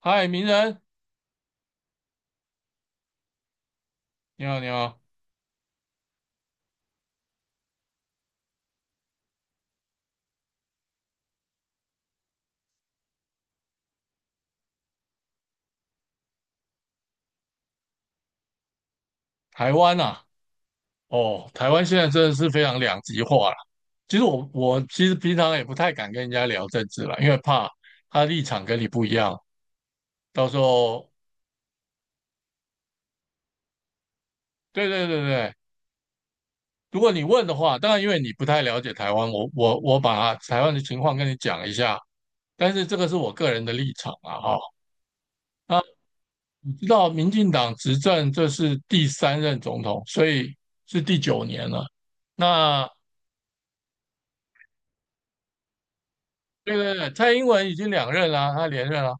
嗨，名人，你好，你好。台湾啊，哦，台湾现在真的是非常两极化了。其实我其实平常也不太敢跟人家聊政治了，因为怕他立场跟你不一样，到时候，对对对对。如果你问的话，当然因为你不太了解台湾，我把台湾的情况跟你讲一下，但是这个是我个人的立场啊，哈。那你知道民进党执政这是第三任总统，所以是第九年了。那对对对，蔡英文已经两任了，他连任了。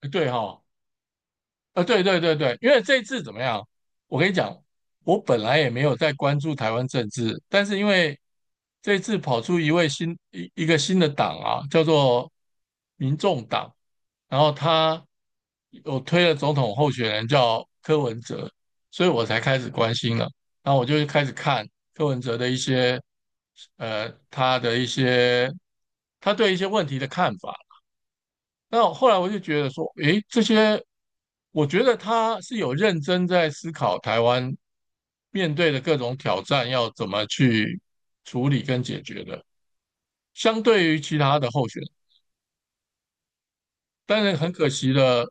对哈，啊，对对对对。因为这次怎么样？我跟你讲，我本来也没有在关注台湾政治，但是因为这次跑出一位一个新的党啊，叫做民众党，然后他有推了总统候选人叫柯文哲，所以我才开始关心了。然后我就开始看柯文哲的一些，他的一些他对一些问题的看法。那我后来我就觉得说，诶，这些，我觉得他是有认真在思考台湾面对的各种挑战要怎么去处理跟解决的，相对于其他的候选人。但是很可惜的，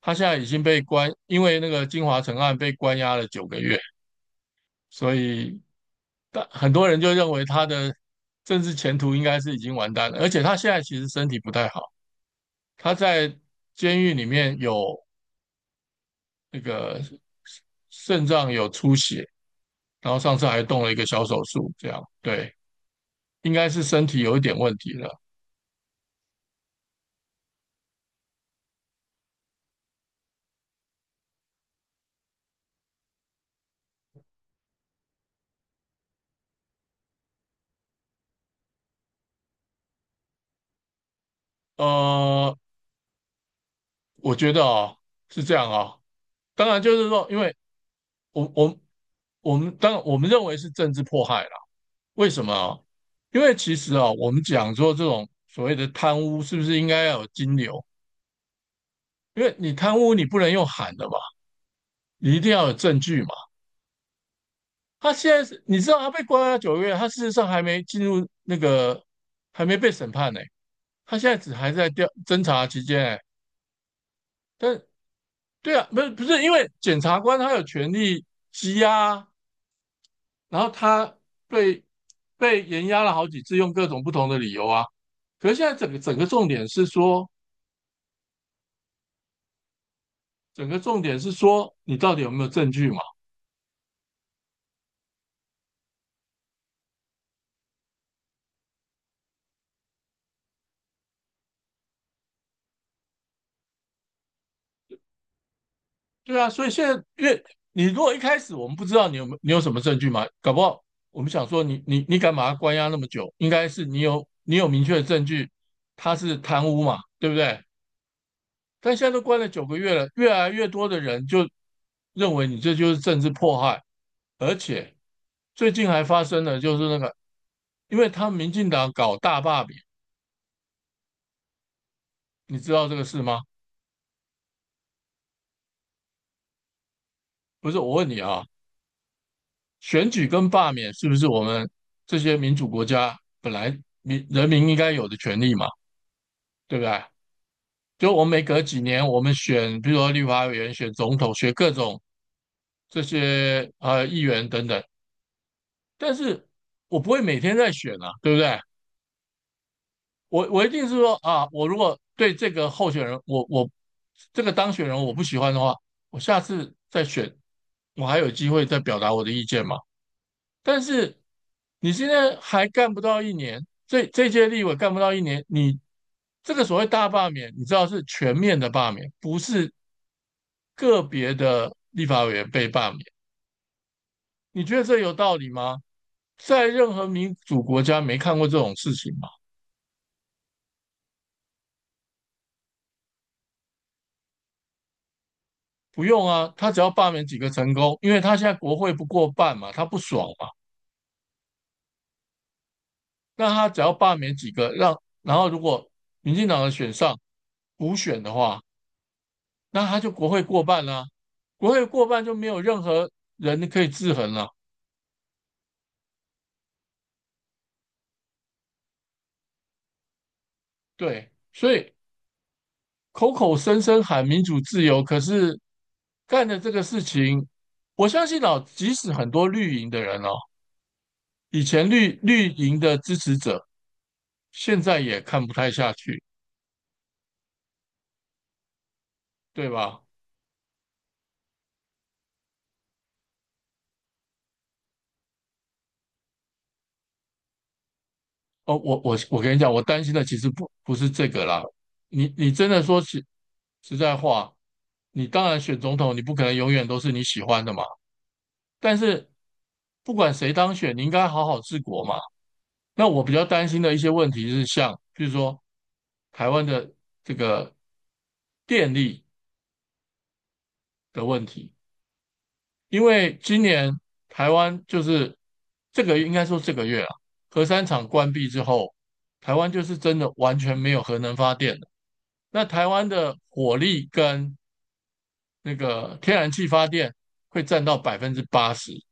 他现在已经被关，因为那个金华城案被关押了九个月，所以但很多人就认为他的政治前途应该是已经完蛋了，而且他现在其实身体不太好，他在监狱里面有那个肾脏有出血，然后上次还动了一个小手术，这样对，应该是身体有一点问题了。呃，我觉得哦是这样哦，当然就是说，因为我我我们当我们认为是政治迫害啦，为什么啊？因为其实啊，我们讲说这种所谓的贪污，是不是应该要有金流？因为你贪污，你不能用喊的嘛，你一定要有证据嘛。他现在是，你知道他被关押九个月，他事实上还没进入那个，还没被审判呢。他现在只还在侦查期间，欸，但对啊，不是不是，因为检察官他有权利羁押啊，然后他被被延押了好几次，用各种不同的理由啊。可是现在整个重点是说，整个重点是说你到底有没有证据嘛？对啊，所以现在越你如果一开始我们不知道你有没有你有什么证据嘛，搞不好我们想说你敢把他关押那么久，应该是你有明确的证据他是贪污嘛，对不对？但现在都关了九个月了，越来越多的人就认为你这就是政治迫害，而且最近还发生了就是那个，因为他们民进党搞大罢免，你知道这个事吗？不是，我问你啊，选举跟罢免是不是我们这些民主国家本来人民应该有的权利嘛？对不对？就我们每隔几年我们选，比如说立法委员、选总统、选各种这些议员等等，但是我不会每天在选啊，对不对？我一定是说啊，我如果对这个候选人，我这个当选人我不喜欢的话，我下次再选，我还有机会再表达我的意见嘛。但是你现在还干不到一年，这届立委干不到一年，你这个所谓大罢免，你知道是全面的罢免，不是个别的立法委员被罢免。你觉得这有道理吗？在任何民主国家没看过这种事情吗？不用啊，他只要罢免几个成功，因为他现在国会不过半嘛，他不爽嘛，那他只要罢免几个，让然后如果民进党的选上补选的话，那他就国会过半啦，啊国会过半就没有任何人可以制衡了，啊对，所以口口声声喊民主自由，可是干的这个事情，我相信哦，即使很多绿营的人哦，以前绿营的支持者，现在也看不太下去，对吧？哦，我我跟你讲，我担心的其实不是这个啦。你你真的说实在话，你当然选总统，你不可能永远都是你喜欢的嘛。但是不管谁当选，你应该好好治国嘛。那我比较担心的一些问题是像，比如说台湾的这个电力的问题，因为今年台湾就是这个应该说这个月啊，核三厂关闭之后，台湾就是真的完全没有核能发电。那台湾的火力跟那个天然气发电会占到80%。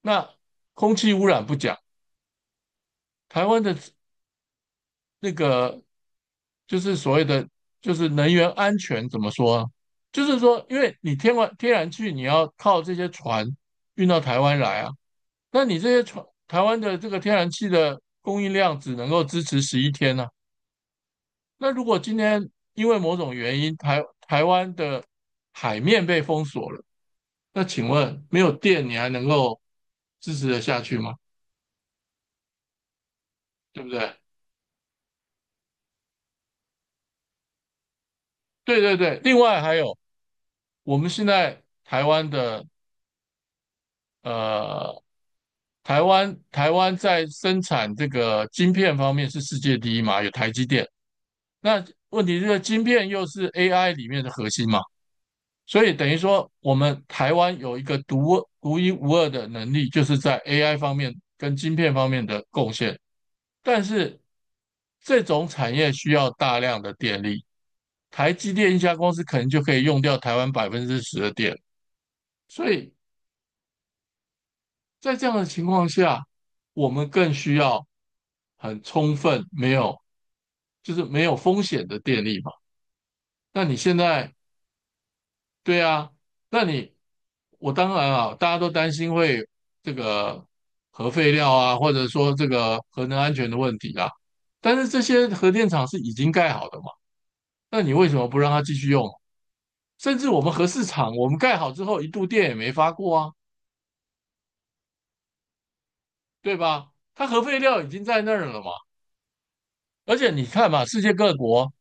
那空气污染不讲，台湾的那个就是所谓的就是能源安全怎么说啊？就是说，因为你天然气你要靠这些船运到台湾来啊，那你这些船台湾的这个天然气的供应量只能够支持11天呢，那如果今天因为某种原因，台湾的海面被封锁了，那请问没有电你还能够支持得下去吗？对不对？对对对。另外还有，我们现在台湾的呃，台湾在生产这个晶片方面是世界第一嘛，有台积电。那问题是晶片又是 AI 里面的核心嘛，所以等于说我们台湾有一个独一无二的能力，就是在 AI 方面跟晶片方面的贡献。但是这种产业需要大量的电力，台积电一家公司可能就可以用掉台湾10%的电，所以在这样的情况下，我们更需要很充分、没有就是没有风险的电力嘛。那你现在对啊，那你我当然啊，大家都担心会这个核废料啊，或者说这个核能安全的问题啊，但是这些核电厂是已经盖好的嘛。那你为什么不让它继续用？甚至我们核市场，我们盖好之后一度电也没发过啊，对吧？它核废料已经在那儿了嘛。而且你看嘛，世界各国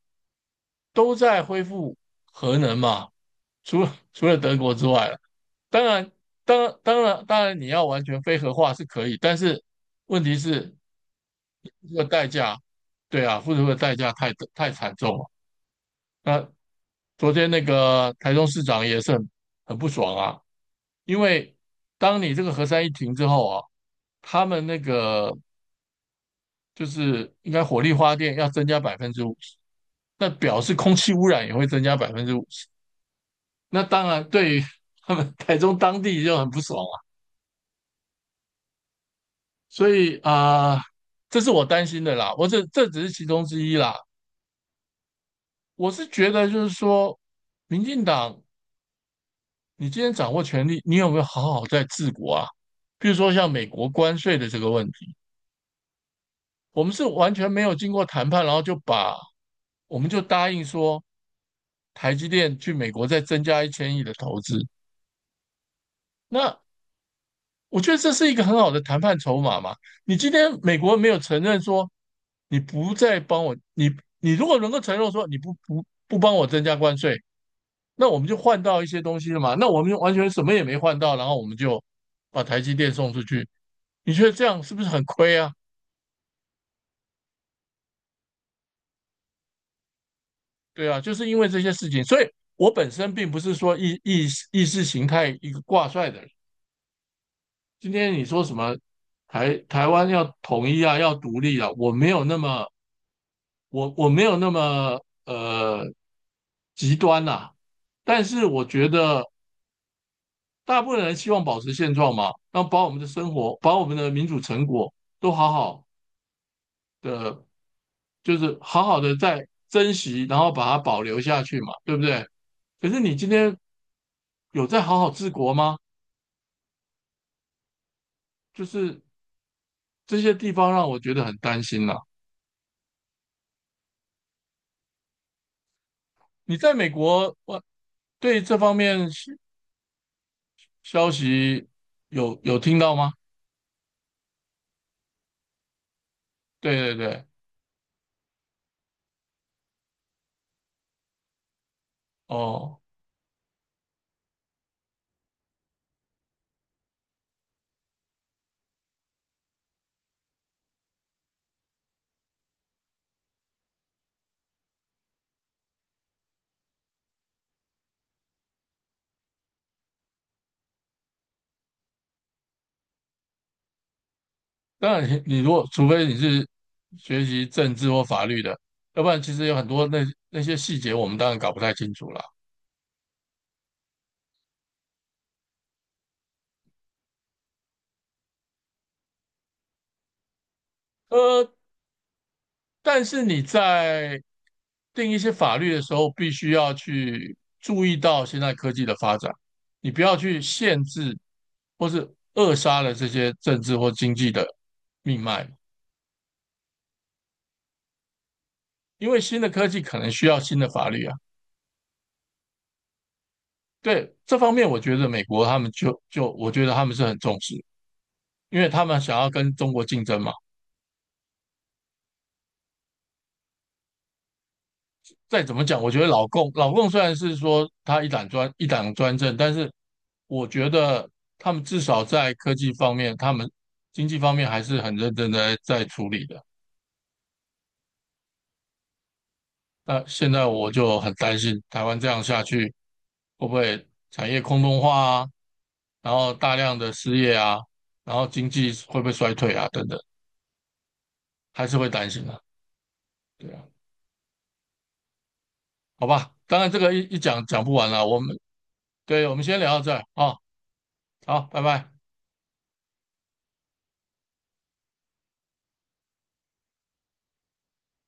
都在恢复核能嘛，除了德国之外了当然，当然当然你要完全非核化是可以，但是问题是这个代价，对啊，付出的代价太惨重了。那昨天那个台中市长也是很很不爽啊，因为当你这个核三一停之后啊，他们那个就是应该火力发电要增加百分之五十，那表示空气污染也会增加百分之五十。那当然对于他们台中当地就很不爽啊，所以啊，这是我担心的啦。我这只是其中之一啦。我是觉得就是说，民进党你今天掌握权力，你有没有好好在治国啊？比如说像美国关税的这个问题，我们是完全没有经过谈判，然后就把我们就答应说台积电去美国再增加1000亿的投资。那我觉得这是一个很好的谈判筹码嘛。你今天美国没有承认说你不再帮我，你你如果能够承诺说你不帮我增加关税，那我们就换到一些东西了嘛。那我们就完全什么也没换到，然后我们就把台积电送出去，你觉得这样是不是很亏啊？对啊，就是因为这些事情，所以我本身并不是说意识形态一个挂帅的人。今天你说什么台湾要统一啊，要独立啊，我没有那么我没有那么呃极端呐，但是我觉得大部分人希望保持现状嘛，那把我们的生活，把我们的民主成果都好好的，就是好好的在珍惜，然后把它保留下去嘛，对不对？可是你今天有在好好治国吗？就是这些地方让我觉得很担心啦。你在美国，我对这方面消息有听到吗？对对对，哦，当然你，你如果除非你是学习政治或法律的，要不然其实有很多那那些细节我们当然搞不太清楚啦。呃，但是你在定一些法律的时候，必须要去注意到现在科技的发展，你不要去限制或是扼杀了这些政治或经济的命脉，因为新的科技可能需要新的法律啊。对，这方面我觉得美国他们就我觉得他们是很重视，因为他们想要跟中国竞争嘛。再怎么讲，我觉得老共虽然是说他一党专政，但是我觉得他们至少在科技方面，他们经济方面还是很认真的在处理的。那现在我就很担心，台湾这样下去会不会产业空洞化啊，然后大量的失业啊，然后经济会不会衰退啊，等等，还是会担心啊。对啊，好吧，当然这个一讲讲不完了，我们对我们先聊到这儿啊，好，拜拜。